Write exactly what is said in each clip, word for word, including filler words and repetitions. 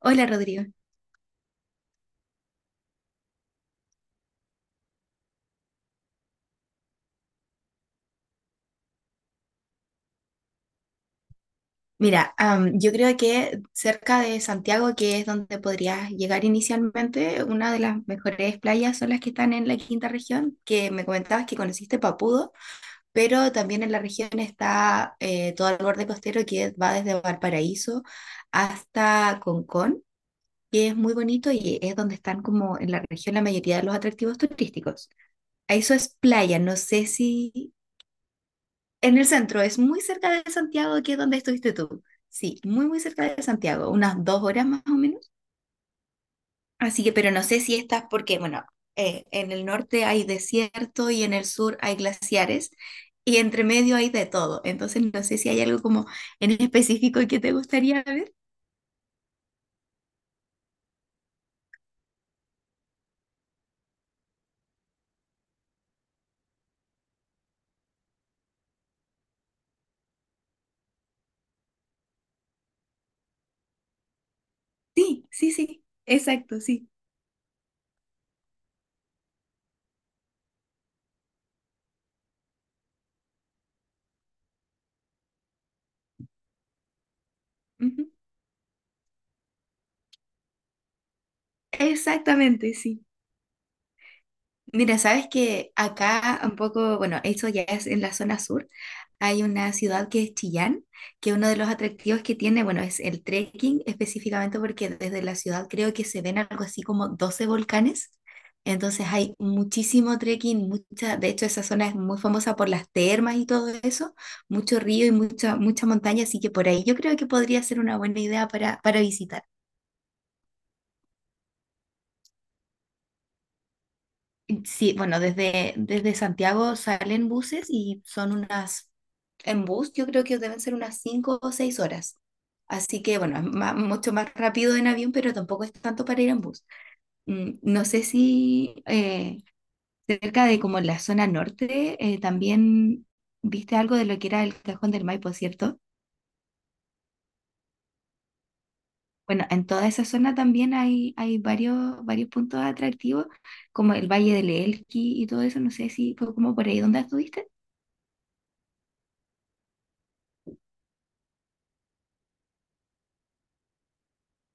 Hola Rodrigo. Mira, am, yo creo que cerca de Santiago, que es donde podrías llegar inicialmente, una de las mejores playas son las que están en la quinta región, que me comentabas que conociste Papudo, pero también en la región está eh, todo el borde costero que va desde Valparaíso hasta Concón, que es muy bonito y es donde están como en la región la mayoría de los atractivos turísticos. Eso es playa, no sé si en el centro, es muy cerca de Santiago, que es donde estuviste tú. Sí, muy, muy cerca de Santiago, unas dos horas más o menos. Así que, pero no sé si estás, porque, bueno, eh, en el norte hay desierto y en el sur hay glaciares y entre medio hay de todo. Entonces, no sé si hay algo como en específico que te gustaría ver. Sí, sí, sí, exacto, sí. Ujú. Exactamente, sí. Mira, sabes que acá un poco, bueno, esto ya es en la zona sur, hay una ciudad que es Chillán, que uno de los atractivos que tiene, bueno, es el trekking específicamente porque desde la ciudad creo que se ven algo así como doce volcanes, entonces hay muchísimo trekking, mucha, de hecho esa zona es muy famosa por las termas y todo eso, mucho río y mucha, mucha montaña, así que por ahí yo creo que podría ser una buena idea para, para, visitar. Sí, bueno, desde, desde Santiago salen buses y son unas, en bus yo creo que deben ser unas cinco o seis horas. Así que bueno, es ma- mucho más rápido en avión, pero tampoco es tanto para ir en bus. Mm, No sé si eh, cerca de como la zona norte eh, también viste algo de lo que era el Cajón del Maipo, ¿cierto? Bueno, en toda esa zona también hay, hay varios, varios puntos atractivos, como el Valle del Elqui y todo eso. No sé si fue como por ahí donde estuviste.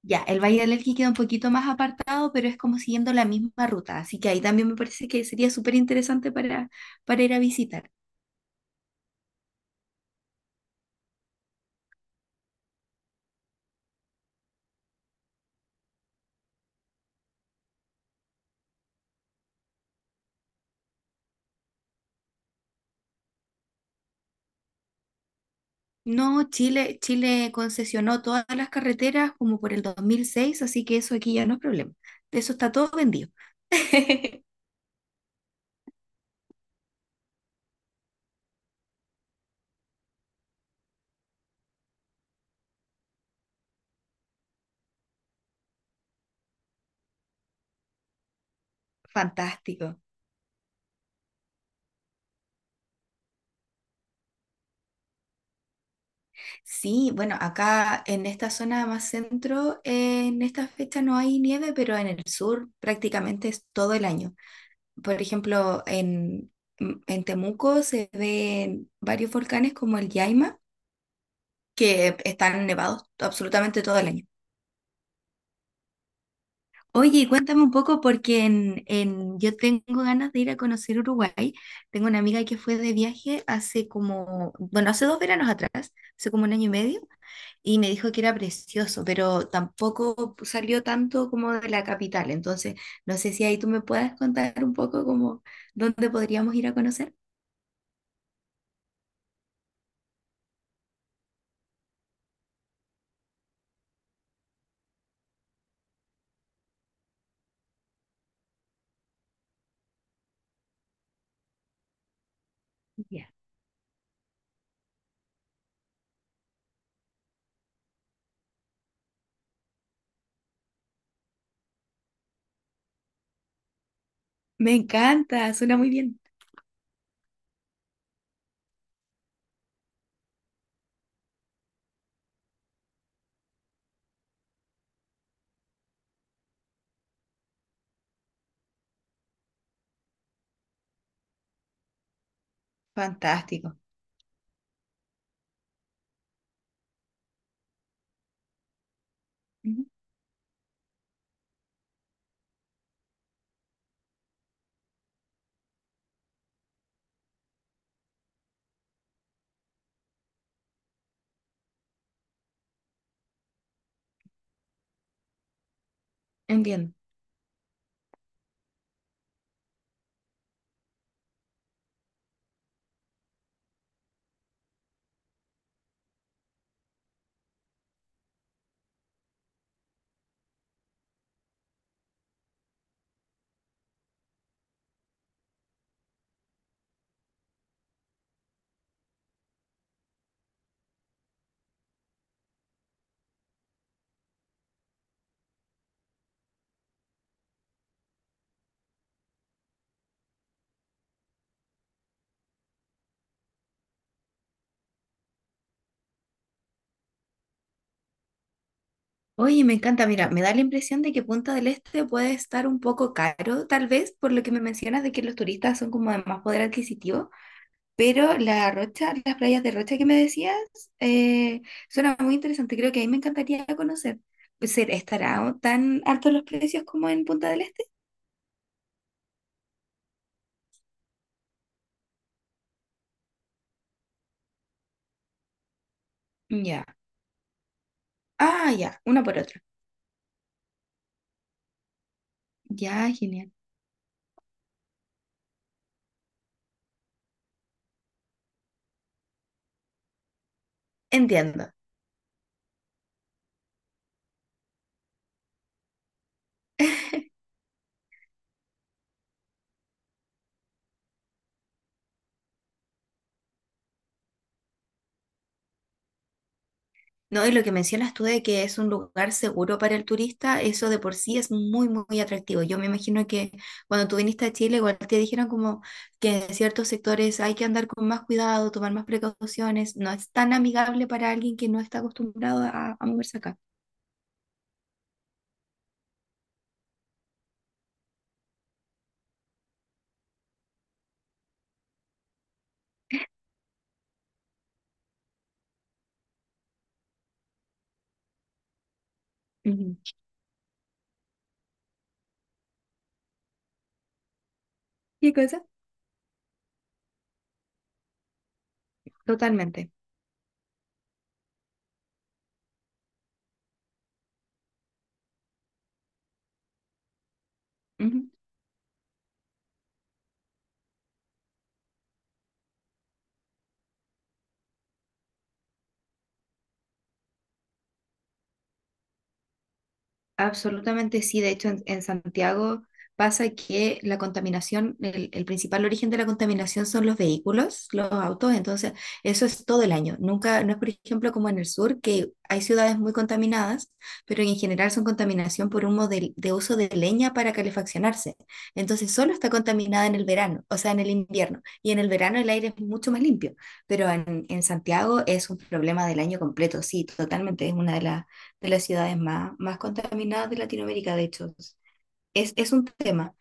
Ya, el Valle del Elqui queda un poquito más apartado, pero es como siguiendo la misma ruta, así que ahí también me parece que sería súper interesante para, para ir a visitar. No, Chile, Chile concesionó todas las carreteras como por el dos mil seis así que eso aquí ya no es problema. De eso está todo vendido. Fantástico. Sí, bueno, acá en esta zona más centro, eh, en esta fecha no hay nieve, pero en el sur prácticamente es todo el año. Por ejemplo, en, en Temuco se ven varios volcanes como el Yaima, que están nevados absolutamente todo el año. Oye, y cuéntame un poco porque en, en- yo tengo ganas de ir a conocer Uruguay. Tengo una amiga que fue de viaje hace como, bueno, hace dos veranos atrás, hace como un año y medio, y me dijo que era precioso, pero tampoco salió tanto como de la capital. Entonces, no sé si ahí tú me puedas contar un poco como dónde podríamos ir a conocer. Ya. Me encanta, suena muy bien. Fantástico. Ujú, Entiendo. Oye, me encanta, mira, me da la impresión de que Punta del Este puede estar un poco caro, tal vez por lo que me mencionas de que los turistas son como de más poder adquisitivo, pero la Rocha, las playas de Rocha que me decías, eh, suena muy interesante, creo que ahí me encantaría conocer. Pues, ¿ser- ¿Estará tan altos los precios como en Punta del Este? Ya. Ah, ya, una por otra. Ya, genial. Entiendo. No, y lo que mencionas tú de que es un lugar seguro para el turista, eso de por sí es muy, muy, atractivo. Yo me imagino que cuando tú viniste a Chile, igual te dijeron como que en ciertos sectores hay que andar con más cuidado, tomar más precauciones. No es tan amigable para alguien que no está acostumbrado a, a moverse acá. Ujú. ¿Qué cosa? Totalmente. Ujú. Absolutamente sí, de hecho en, en Santiago pasa que la contaminación, el, el principal origen de la contaminación son los vehículos, los autos, entonces eso es todo el año. Nunca, no es por ejemplo como en el sur, que hay ciudades muy contaminadas, pero en general son contaminación por humo de, de uso de leña para calefaccionarse. Entonces solo está contaminada en el verano, o sea, en el invierno, y en el verano el aire es mucho más limpio, pero en, en Santiago es un problema del año completo, sí, totalmente, es una de las de las ciudades más, más contaminadas de Latinoamérica, de hecho. Es, es un tema.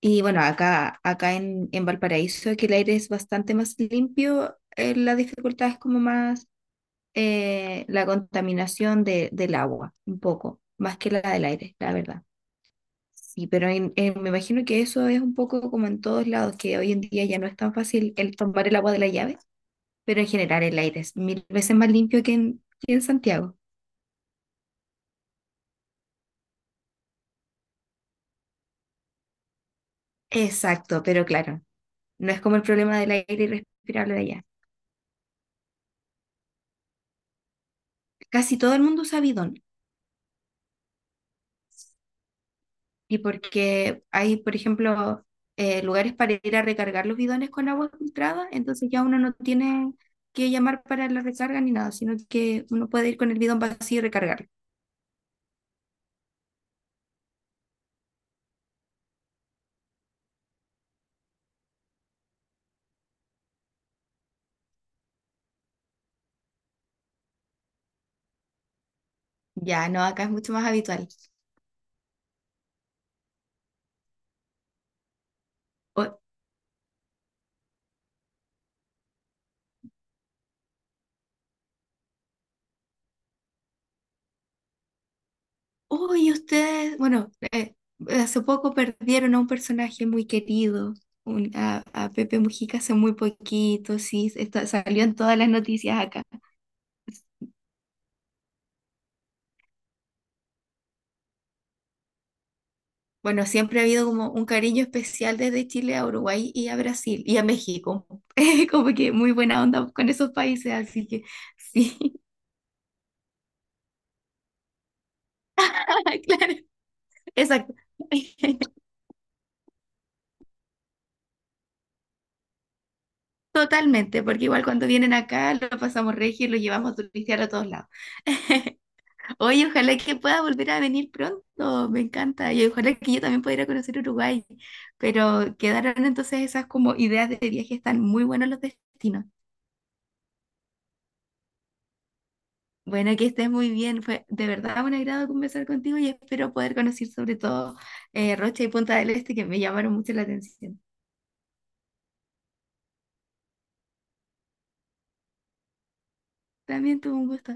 Y bueno, acá, acá en, en Valparaíso, que el aire es bastante más limpio, eh, la dificultad es como más eh, la contaminación de, del agua, un poco, más que la del aire, la verdad. Sí, pero en- en- me imagino que eso es un poco como en todos lados, que hoy en día ya no es tan fácil el tomar el agua de la llave, pero en general el aire es mil veces más limpio que en, que en Santiago. Exacto, pero claro. No es como el problema del aire irrespirable de allá. Casi todo el mundo usa bidón. Y porque hay, por ejemplo, eh, lugares para ir a recargar los bidones con agua filtrada, entonces ya uno no tiene que llamar para la recarga ni nada, sino que uno puede ir con el bidón vacío y recargarlo. Ya, no, acá es mucho más habitual. O- Uy, ustedes, bueno, eh, hace poco perdieron a un personaje muy querido, un- a, a Pepe Mujica hace muy poquito, sí, está- salió en todas las noticias acá. Bueno, siempre ha habido como un cariño especial desde Chile a Uruguay y a Brasil y a México. Como que muy buena onda con esos países, así que sí, claro, exacto. Totalmente, porque igual cuando vienen acá lo pasamos regio y lo llevamos a turistear a todos lados. Oye, ojalá que pueda volver a venir pronto, me encanta. Y ojalá que yo también pueda ir a conocer Uruguay. Pero quedaron entonces esas como ideas de viaje, están muy buenos los destinos. Bueno, que estés muy bien. Fue de verdad un agrado conversar contigo y espero poder conocer sobre todo eh, Rocha y Punta del Este, que me llamaron mucho la atención. También tuvo un gusto.